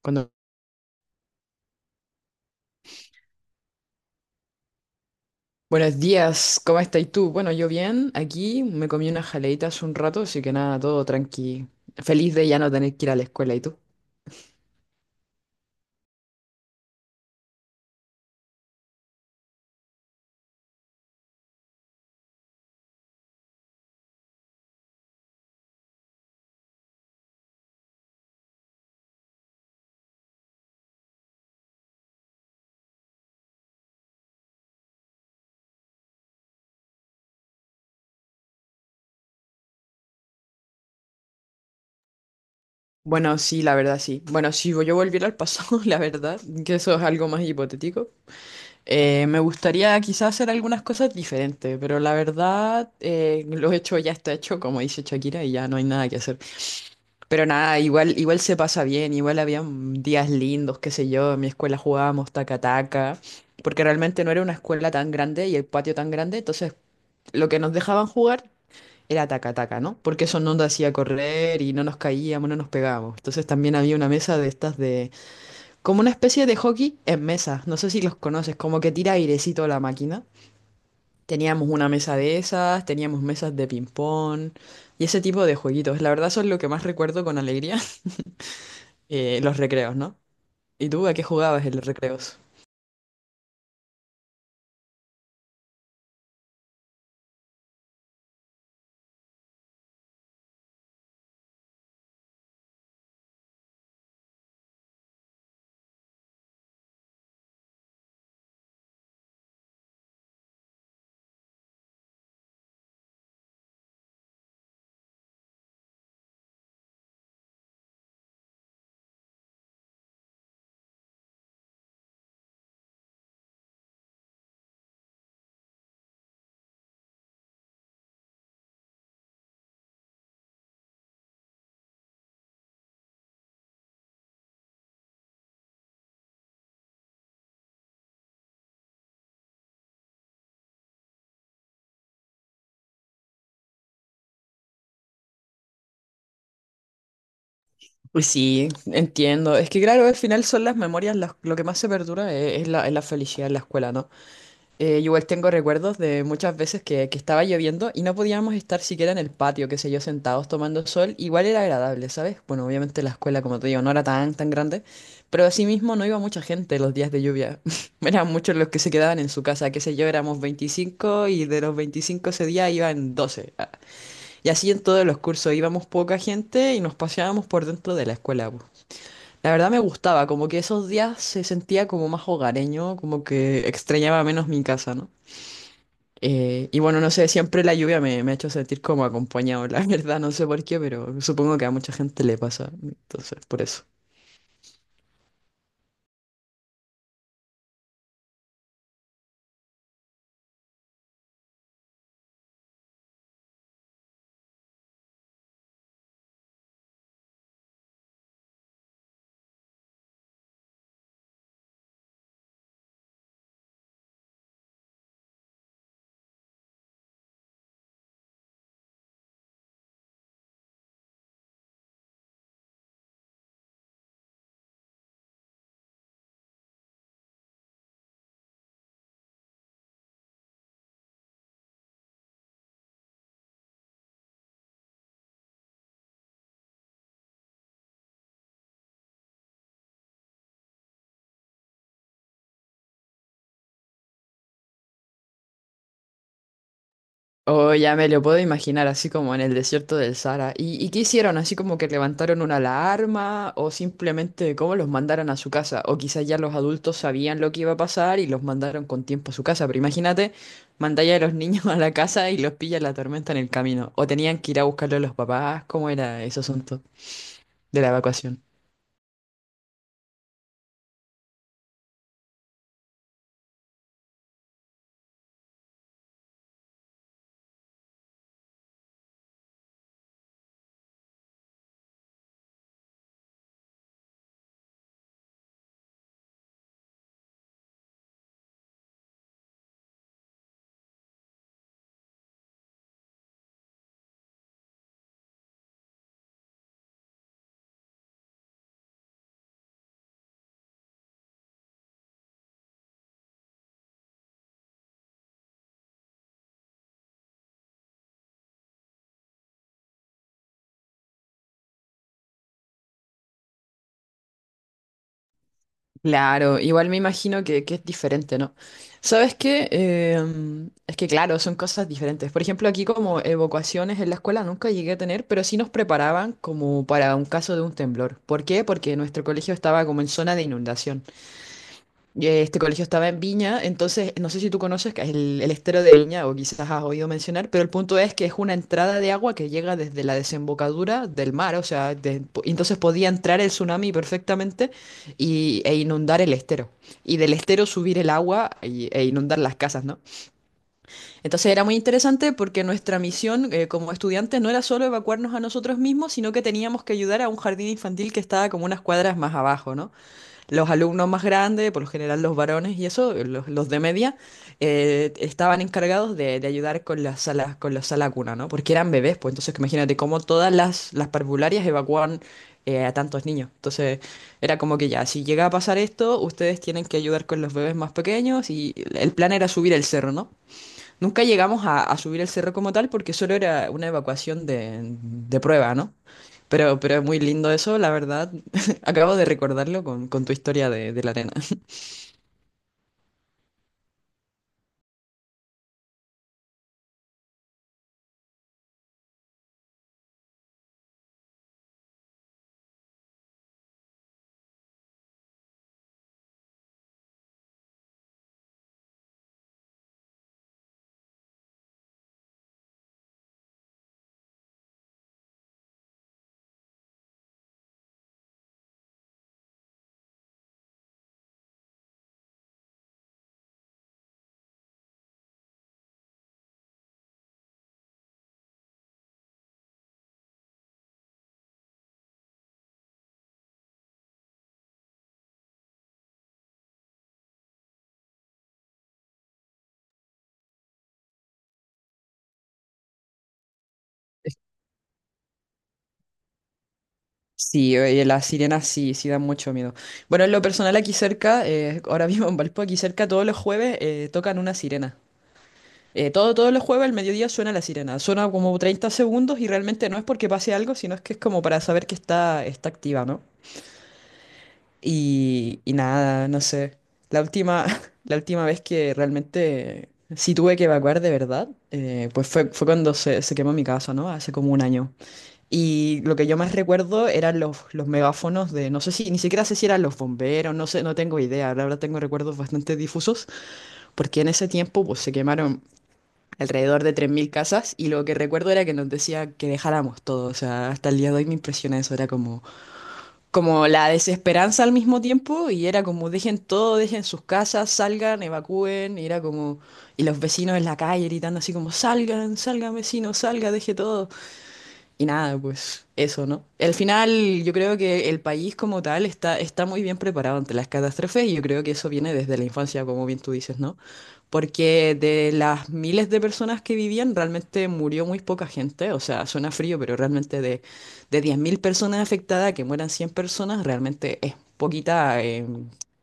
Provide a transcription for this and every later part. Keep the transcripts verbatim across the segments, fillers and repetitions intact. Cuando- Buenos días, ¿cómo estás tú? Bueno, yo bien, aquí me comí unas jaleitas hace un rato, así que nada, todo tranqui. Feliz de ya no tener que ir a la escuela, ¿y tú? Bueno, sí, la verdad sí. Bueno, si yo volviera al pasado, la verdad, que eso es algo más hipotético, eh, me gustaría quizás hacer algunas cosas diferentes, pero la verdad, eh, lo hecho ya está hecho, como dice Shakira, y ya no hay nada que hacer. Pero nada, igual, igual se pasa bien, igual habían días lindos, qué sé yo, en mi escuela jugábamos taca-taca, porque realmente no era una escuela tan grande y el patio tan grande, entonces lo que nos dejaban jugar era taca-taca, ¿no? Porque eso no nos hacía correr y no nos caíamos, no nos pegábamos. Entonces también había una mesa de estas de, como una especie de hockey en mesa, no sé si los conoces, como que tira airecito la máquina. Teníamos una mesa de esas, teníamos mesas de ping-pong y ese tipo de jueguitos. La verdad, eso es lo que más recuerdo con alegría, eh, los recreos, ¿no? ¿Y tú a qué jugabas en los recreos? Pues sí, entiendo. Es que claro, al final son las memorias, las- lo que más se perdura es, es la, es la felicidad en la escuela, ¿no? Eh, yo igual tengo recuerdos de muchas veces que, que estaba lloviendo y no podíamos estar siquiera en el patio, qué sé yo, sentados tomando sol. Igual era agradable, ¿sabes? Bueno, obviamente la escuela, como te digo, no era tan, tan grande, pero asimismo no iba mucha gente los días de lluvia. Eran muchos los que se quedaban en su casa, qué sé yo, éramos veinticinco y de los veinticinco ese día iban doce. Y así en todos los cursos íbamos poca gente y nos paseábamos por dentro de la escuela. Po. La verdad me gustaba, como que esos días se sentía como más hogareño, como que extrañaba menos mi casa, ¿no? Eh, y bueno, no sé, siempre la lluvia me, me ha hecho sentir como acompañado, la verdad, no sé por qué, pero supongo que a mucha gente le pasa, entonces, por eso. Oh, ya me lo puedo imaginar, así como en el desierto del Sahara. ¿Y, y qué hicieron? ¿Así como que levantaron una alarma o simplemente cómo los mandaron a su casa? O quizás ya los adultos sabían lo que iba a pasar y los mandaron con tiempo a su casa. Pero imagínate, mandáis a los niños a la casa y los pilla la tormenta en el camino. O tenían que ir a buscarlo a los papás. ¿Cómo era ese asunto de la evacuación? Claro, igual me imagino que, que es diferente, ¿no? ¿Sabes qué? Em, es que claro, son cosas diferentes. Por ejemplo, aquí como evacuaciones en la escuela nunca llegué a tener, pero sí nos preparaban como para un caso de un temblor. ¿Por qué? Porque nuestro colegio estaba como en zona de inundación. Y, eh, Este colegio estaba en Viña, entonces no sé si tú conoces que es el, el estero de Viña o quizás has oído mencionar, pero el punto es que es una entrada de agua que llega desde la desembocadura del mar, o sea, de- po- entonces podía entrar el tsunami perfectamente y, e inundar el estero, y del estero subir el agua y- e inundar las casas, ¿no? Entonces era muy interesante porque nuestra misión, eh, como estudiantes no era solo evacuarnos a nosotros mismos, sino que teníamos que ayudar a un jardín infantil que estaba como unas cuadras más abajo, ¿no? Los alumnos más grandes, por lo general los varones y eso, los, los de media, eh, estaban encargados de, de ayudar con las salas, con la sala cuna, ¿no? Porque eran bebés, pues entonces imagínate cómo todas las, las parvularias evacuaban, eh, a tantos niños. Entonces era como que ya, si llega a pasar esto, ustedes tienen que ayudar con los bebés más pequeños y el plan era subir el cerro, ¿no? Nunca llegamos a, a subir el cerro como tal porque solo era una evacuación de, de prueba, ¿no? Pero, pero es muy lindo eso, la verdad. Acabo de recordarlo con, con tu historia de, de la arena. Sí, oye, las sirenas sí, sí dan mucho miedo. Bueno, en lo personal aquí cerca, eh, ahora mismo en Valpo, aquí cerca, todos los jueves eh, tocan una sirena. Eh, todo, todos los jueves al mediodía suena la sirena. Suena como treinta segundos y realmente no es porque pase algo, sino es que es como para saber que está, está activa, ¿no? Y, y nada, no sé. La última, la última vez que realmente sí tuve que evacuar de verdad, eh, pues fue, fue cuando se, se quemó mi casa, ¿no? Hace como un año. Y lo que yo más recuerdo eran los, los megáfonos de, no sé si, ni siquiera sé si eran los bomberos, no sé, no tengo idea. La verdad tengo recuerdos bastante difusos, porque en ese tiempo pues se quemaron alrededor de tres mil casas y lo que recuerdo era que nos decía que dejáramos todo. O sea, hasta el día de hoy me impresiona eso, era como como la desesperanza al mismo tiempo y era como dejen todo, dejen sus casas, salgan, evacúen, y era como, y los vecinos en la calle gritando así como salgan, salgan vecinos, salga, deje todo. Y nada, pues eso, ¿no? Al final, yo creo que el país como tal está, está muy bien preparado ante las catástrofes y yo creo que eso viene desde la infancia, como bien tú dices, ¿no? Porque de las miles de personas que vivían, realmente murió muy poca gente, o sea, suena frío, pero realmente de, de diez mil personas afectadas, que mueran cien personas, realmente es poquita, eh,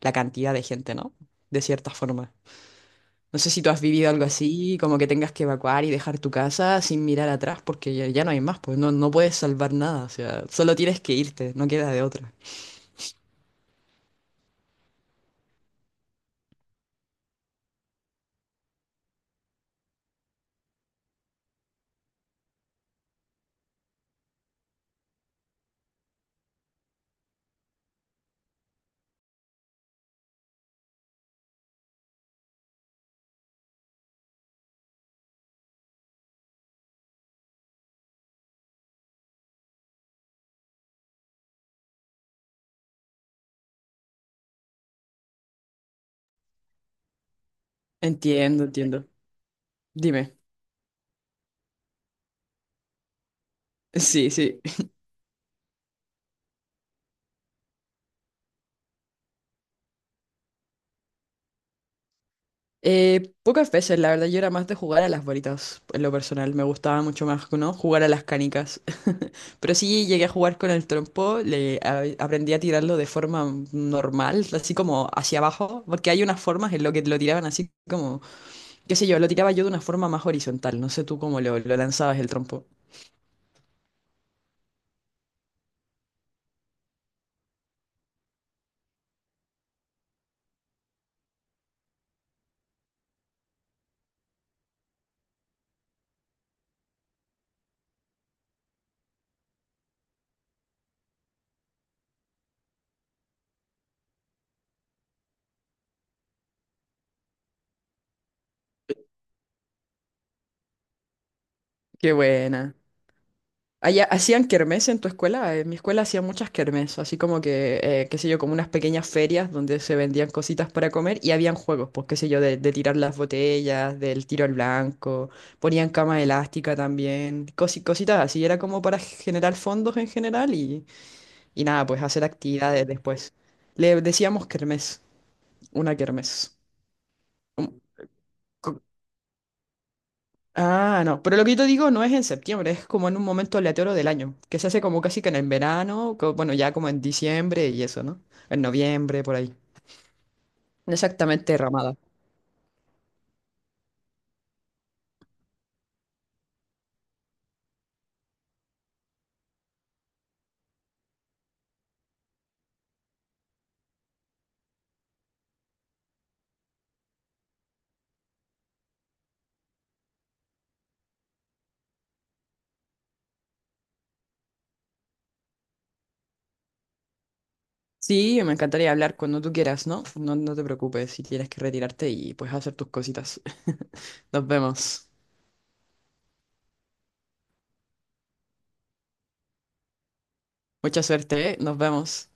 la cantidad de gente, ¿no? De cierta forma. No sé si tú has vivido algo así, como que tengas que evacuar y dejar tu casa sin mirar atrás porque ya, ya no hay más, pues no, no puedes salvar nada, o sea, solo tienes que irte, no queda de otra. Entiendo, entiendo. Dime. Sí, sí. Eh, pocas veces, la verdad, yo era más de jugar a las bolitas, en lo personal, me gustaba mucho más, ¿no? Jugar a las canicas. Pero sí llegué a jugar con el trompo, le a- aprendí a tirarlo de forma normal, así como hacia abajo, porque hay unas formas en lo que lo tiraban así como qué sé yo, lo tiraba yo de una forma más horizontal. No sé tú cómo lo, lo, lanzabas el trompo. Qué buena. Allá, ¿hacían kermés en tu escuela? En mi escuela hacían muchas kermés, así como que, eh, qué sé yo, como unas pequeñas ferias donde se vendían cositas para comer y habían juegos, pues qué sé yo, de, de tirar las botellas, del tiro al blanco, ponían cama elástica también, cosi- cositas así, era como para generar fondos en general y, y nada, pues hacer actividades después. Le decíamos kermés, una kermés. Ah, no, pero lo que yo te digo no es en septiembre, es como en un momento aleatorio del año, que se hace como casi que en el verano, co- bueno, ya como en diciembre y eso, ¿no? En noviembre, por ahí. Exactamente, Ramada. Sí, me encantaría hablar cuando tú quieras, ¿no? No, no te preocupes si tienes que retirarte y pues hacer tus cositas. Nos vemos. Mucha suerte, ¿eh? Nos vemos.